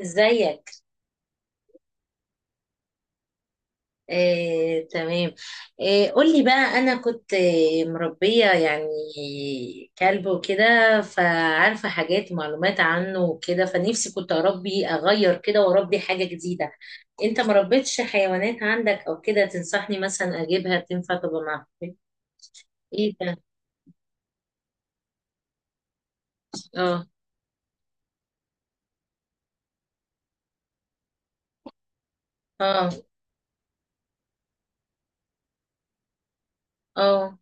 ازيك؟ آه، تمام. آه، قولي بقى. انا كنت مربية يعني كلب وكده. فعارفة حاجات معلومات عنه وكده، فنفسي كنت اربي اغير كده واربي حاجة جديدة. انت مربيتش حيوانات عندك او كده تنصحني مثلا اجيبها تنفع تبقى معاك؟ ايه ده؟ اه، اه، اه.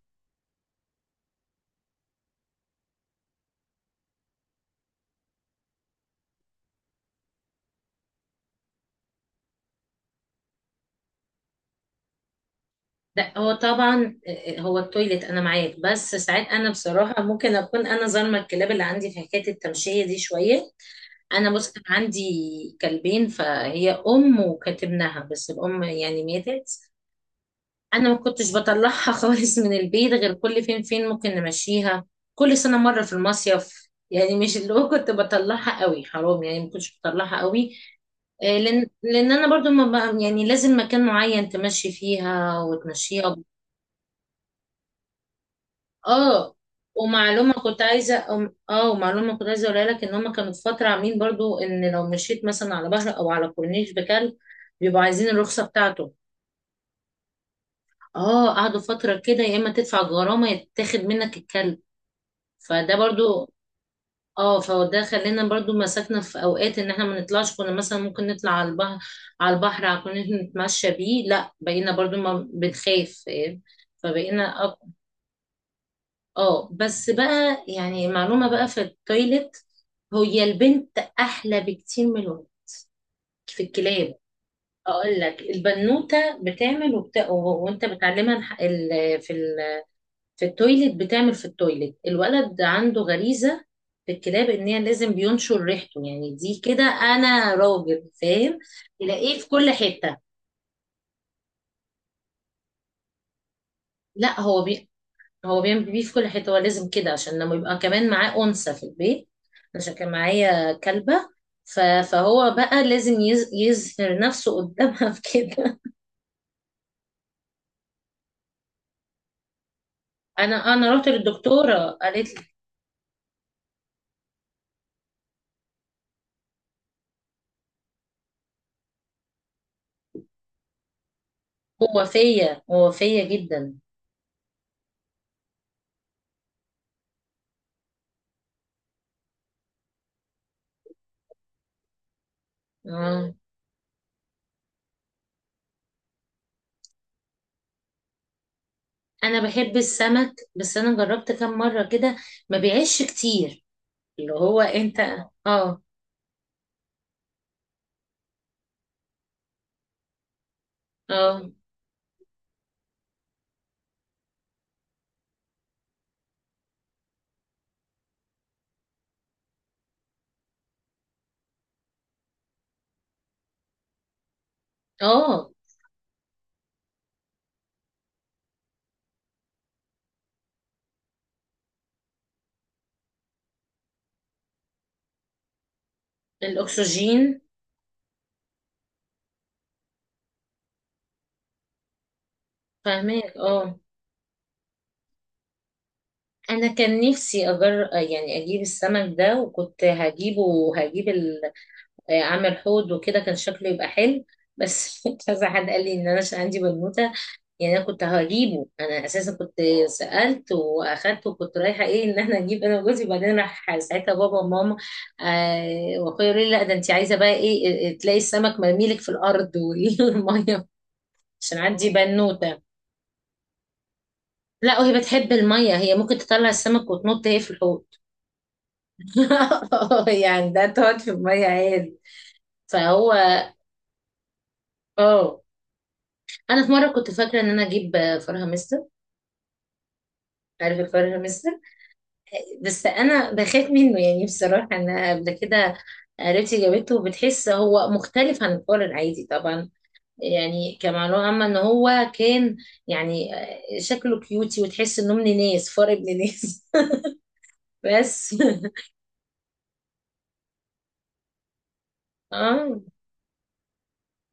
لا، هو طبعا هو التويليت انا معاك، بس ساعات انا بصراحة ممكن اكون انا ظالمة الكلاب اللي عندي في حكاية التمشية دي شوية. انا بص، كان عندي كلبين، فهي ام وكاتبناها، بس الام يعني ماتت. انا ما كنتش بطلعها خالص من البيت، غير كل فين فين ممكن نمشيها. كل سنه مره في المصيف، يعني مش اللي هو كنت بطلعها قوي، حرام، يعني ما كنتش بطلعها قوي. لان انا برضو ما بقى يعني لازم مكان معين تمشي فيها وتمشيها. اه، ومعلومة كنت عايزة اقولها لك ان هم كانوا في فترة عاملين برضو ان لو مشيت مثلا على بحر او على كورنيش بكلب، بيبقوا عايزين الرخصة بتاعته. اه، قعدوا فترة كده، يا اما تدفع الغرامة يا تاخد منك الكلب. فده برضو. اه، فده خلينا برضو مسكنا في اوقات ان احنا ما نطلعش، كنا مثلا ممكن نطلع على البحر على الكورنيش نتمشى بيه. لا، بقينا برضو ما بنخاف، فاهم؟ فبقينا. اه، بس بقى يعني معلومة بقى في التويلت، هي البنت أحلى بكتير من الولد في الكلاب. أقول لك، البنوتة بتعمل وأنت بتعلمها في التويلت، بتعمل في التويلت. الولد عنده غريزة في الكلاب، إن هي لازم بينشر ريحته، يعني دي كده أنا راجل فاهم. تلاقيه في كل حتة. لا، هو بيعمل بيه في كل حتة، هو لازم كده عشان لما يبقى كمان معاه أنثى في البيت. عشان كان معايا كلبة. ف- فهو بقى لازم يظهر نفسه قدامها، في كده. أنا رحت للدكتورة قالت لي. هو فيا، هو فيا جدا. آه. أنا بحب السمك، بس أنا جربت كام مرة كده ما بيعيش كتير. اللي هو أنت. اه، اه، اه. الأكسجين. فاهمك، اه. انا كان نفسي يعني اجيب السمك ده، وكنت هجيبه وهجيب ال... آه، اعمل حوض وكده كان شكله يبقى حلو. بس كذا حد قال لي ان انا عشان عندي بنوته، يعني انا كنت هجيبه، انا اساسا كنت سالت واخدت، وكنت رايحه ايه، ان احنا نجيب انا وجوزي، وبعدين راح ساعتها بابا وماما. آه، واخويا يقول لي لا، ده انت عايزه بقى ايه، إيه، تلاقي السمك مرميلك في الارض والميه. عشان عندي بنوته، لا وهي بتحب الميه، هي ممكن تطلع السمك وتنط هي في الحوض. يعني ده تقعد في المية عادي. فهو. اه، انا في مره كنت فاكره ان انا اجيب فرخه مستر. عارف الفرخه مستر؟ بس انا بخاف منه يعني، بصراحه انا قبل كده قريبتي جابته وبتحس هو مختلف عن الفار العادي طبعا. يعني كمعلومه عامه ان هو كان يعني شكله كيوتي، وتحس انه ابن ناس، فار ابن ناس. بس. اه،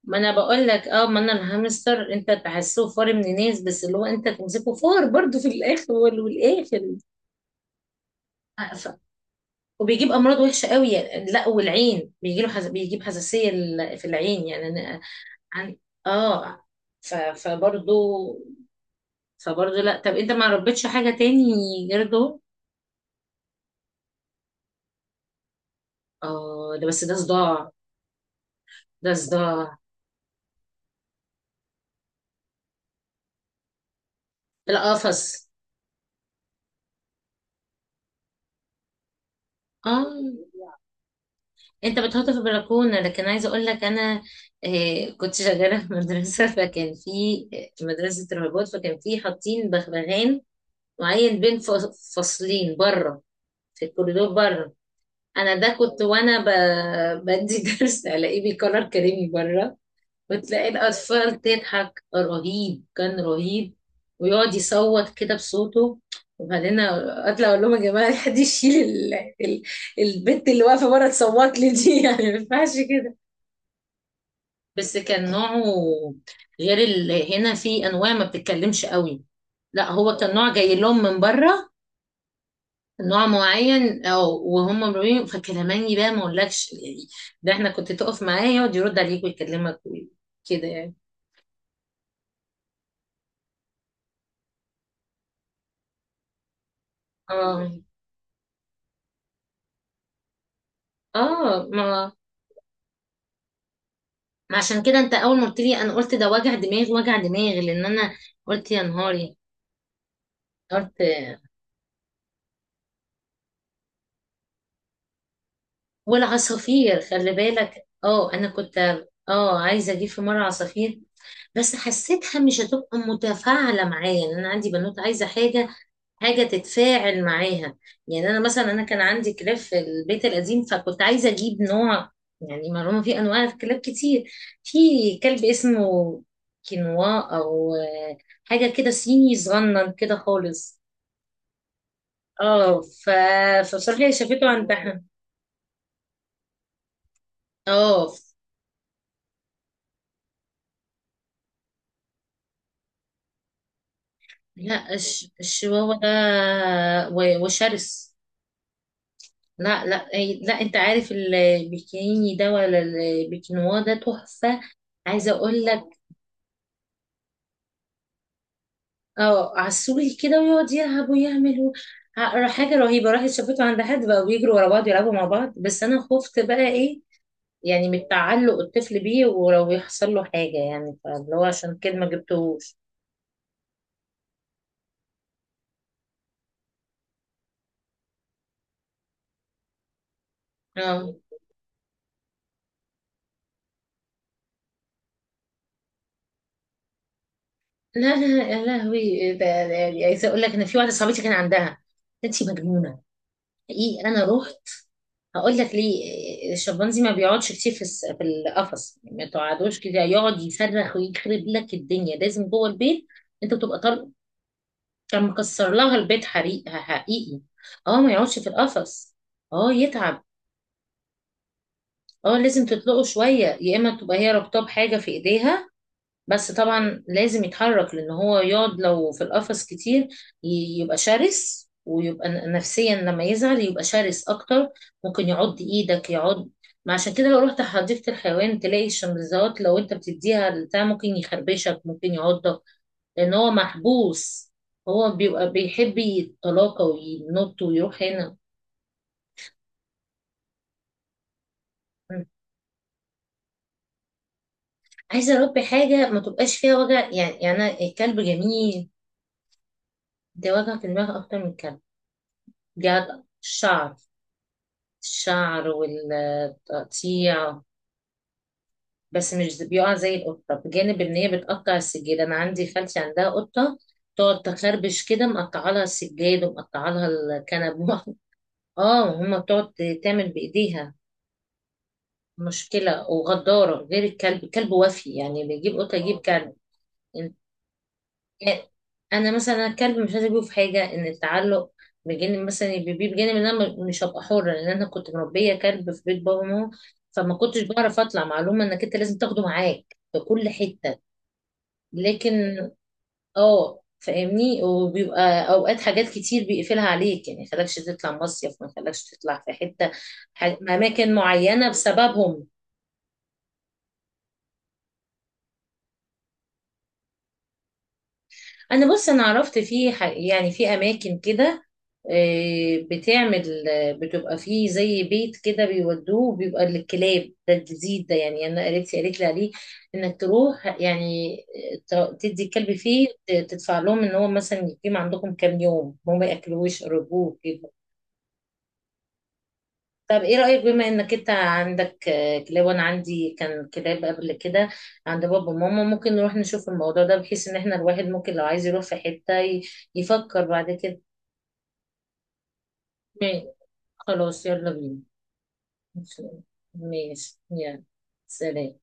ما انا بقول لك، ما انا الهامستر انت تحسه فار من ناس، بس اللي هو انت تمسكه فار برضو في الاخر والاخر. ف- وبيجيب امراض وحشه قوي يعني، لا والعين بيجي له بيجيب حساسيه في العين يعني انا. عن... اه. ف... فبرضو فبرضو. لا، طب انت ما ربيتش حاجه تاني غير دول؟ اه، ده بس ده صداع. ده صداع. القفص. اه، انت بتحط في البلكونه، لكن عايزه اقول لك انا كنت شغاله في مدرسه، فكان في مدرسه رهبات، فكان في حاطين بغبغان معين بين فصلين بره، في الكوريدور بره. انا ده كنت وانا بدي درس، الاقيه بيكرر كلامي بره. وتلاقي الاطفال تضحك رهيب، كان رهيب، ويقعد يصوت كده بصوته. وبعدين اطلع اقول لهم يا جماعه، حد يشيل ال- البنت اللي واقفه بره تصوت لي دي، يعني ما ينفعش كده. بس كان نوعه غير هنا في انواع ما بتتكلمش قوي. لا، هو كان نوع جاي لهم من بره، نوع معين، او وهم مرميين فكلماني بقى ما اقولكش يعني. ده احنا كنت تقف معاه يقعد يرد عليك ويكلمك كده يعني. اه، اه. ما عشان كده انت اول ما قلت لي، انا قلت ده وجع دماغ، وجع دماغ، لان انا قلت يا نهاري. قلت والعصافير خلي بالك. اه انا كنت اه عايزه اجيب في مره عصافير، بس حسيتها مش هتبقى متفاعله معايا، يعني انا عندي بنوت عايزه حاجه تتفاعل معاها. يعني انا مثلا انا كان عندي كلاب في البيت القديم، فكنت عايزه اجيب نوع. يعني معلومه، في انواع كلاب كتير. في كلب اسمه كينوا، او حاجه كده صيني صغنن كده خالص. اه، فبصراحه شافته عندها. اه، لا الشواوة ده وشرس. لا، لا، لا انت عارف البيكيني ده ولا البيكنوا ده تحفة. عايزة اقول لك، اه، عسولي كده ويقعد يلعب ويعمل حاجة رهيبة. راحت شافته عند حد بقى بيجروا ورا بعض يلعبوا مع بعض، بس انا خفت بقى ايه يعني، من تعلق الطفل بيه، ولو يحصل له حاجة يعني، فاللي هو عشان كده ما جبتهوش. اه، لا، لا، يا لهوي عايزة اقول لك، انا في واحدة صاحبتي كان عندها. انتي مجنونة. حقيقي انا رحت. هقول لك ليه. الشمبانزي ما بيقعدش كتير في في القفص. ما تقعدوش كده يقعد يصرخ ويخرب لك الدنيا، لازم جوه البيت. انت تبقى طالع. كان مكسر لها البيت، حقيقي، حقيقي. اه، ما يقعدش في القفص. اه، يتعب. اه، لازم تطلقه شويه يا اما تبقى هي رابطاه بحاجه في ايديها. بس طبعا لازم يتحرك، لان هو يقعد لو في القفص كتير يبقى شرس، ويبقى نفسيا لما يزعل يبقى شرس اكتر. ممكن يعض ايدك، يعض. ما عشان كده لو رحت حديقة الحيوان تلاقي الشمبانزيات، لو انت بتديها البتاع ممكن يخربشك، ممكن يعضك، لان هو محبوس. هو بيبقى بيحب يتلاقى وينط ويروح هنا. م. عايزة اربي حاجة ما تبقاش فيها وجع يعني أنا الكلب جميل، ده وجع في دماغ اكتر من الكلب. بيعض الشعر. الشعر والتقطيع. بس مش بيقع زي القطة، بجانب ان هي بتقطع السجاد. انا عندي خالتي عندها قطة تقعد تخربش كده، مقطعة لها السجاد ومقطعة لها الكنب. اه، هما بتقعد تعمل بايديها. مشكلة وغدارة غير الكلب وفي يعني بيجيب قطة يجيب كلب. انا مثلا الكلب مش عايزه اجيبه في حاجه، ان التعلق، بجانب مثلا بيبيه، بجانب ان انا مش هبقى حره، لان انا كنت مربيه كلب في بيت بابا وماما، فما كنتش بعرف اطلع. معلومه انك انت لازم تاخده معاك في كل حته. لكن. اه، فاهمني، وبيبقى اوقات حاجات كتير بيقفلها عليك، يعني ما يخلكش تطلع مصيف، ما يخلكش تطلع في حته، اماكن معينه بسببهم. انا بص انا عرفت يعني في اماكن كده، آه، بتعمل آه، بتبقى فيه زي بيت كده بيودوه، بيبقى للكلاب، ده الجديد ده. يعني انا قريتي قالت لي عليه انك تروح يعني، تدي الكلب فيه، تدفع لهم ان هو مثلا يقيم عندكم كام يوم، هم ما ياكلوش يقربوه كده. طب ايه رأيك، بما انك انت عندك كلاب وانا عندي كان كلاب قبل كده عند بابا وماما، ممكن نروح نشوف الموضوع ده، بحيث ان احنا الواحد ممكن لو عايز يروح في حتة يفكر بعد كده. م- خلاص، يلا بينا. ماشي. ماشي، يلا. سلام.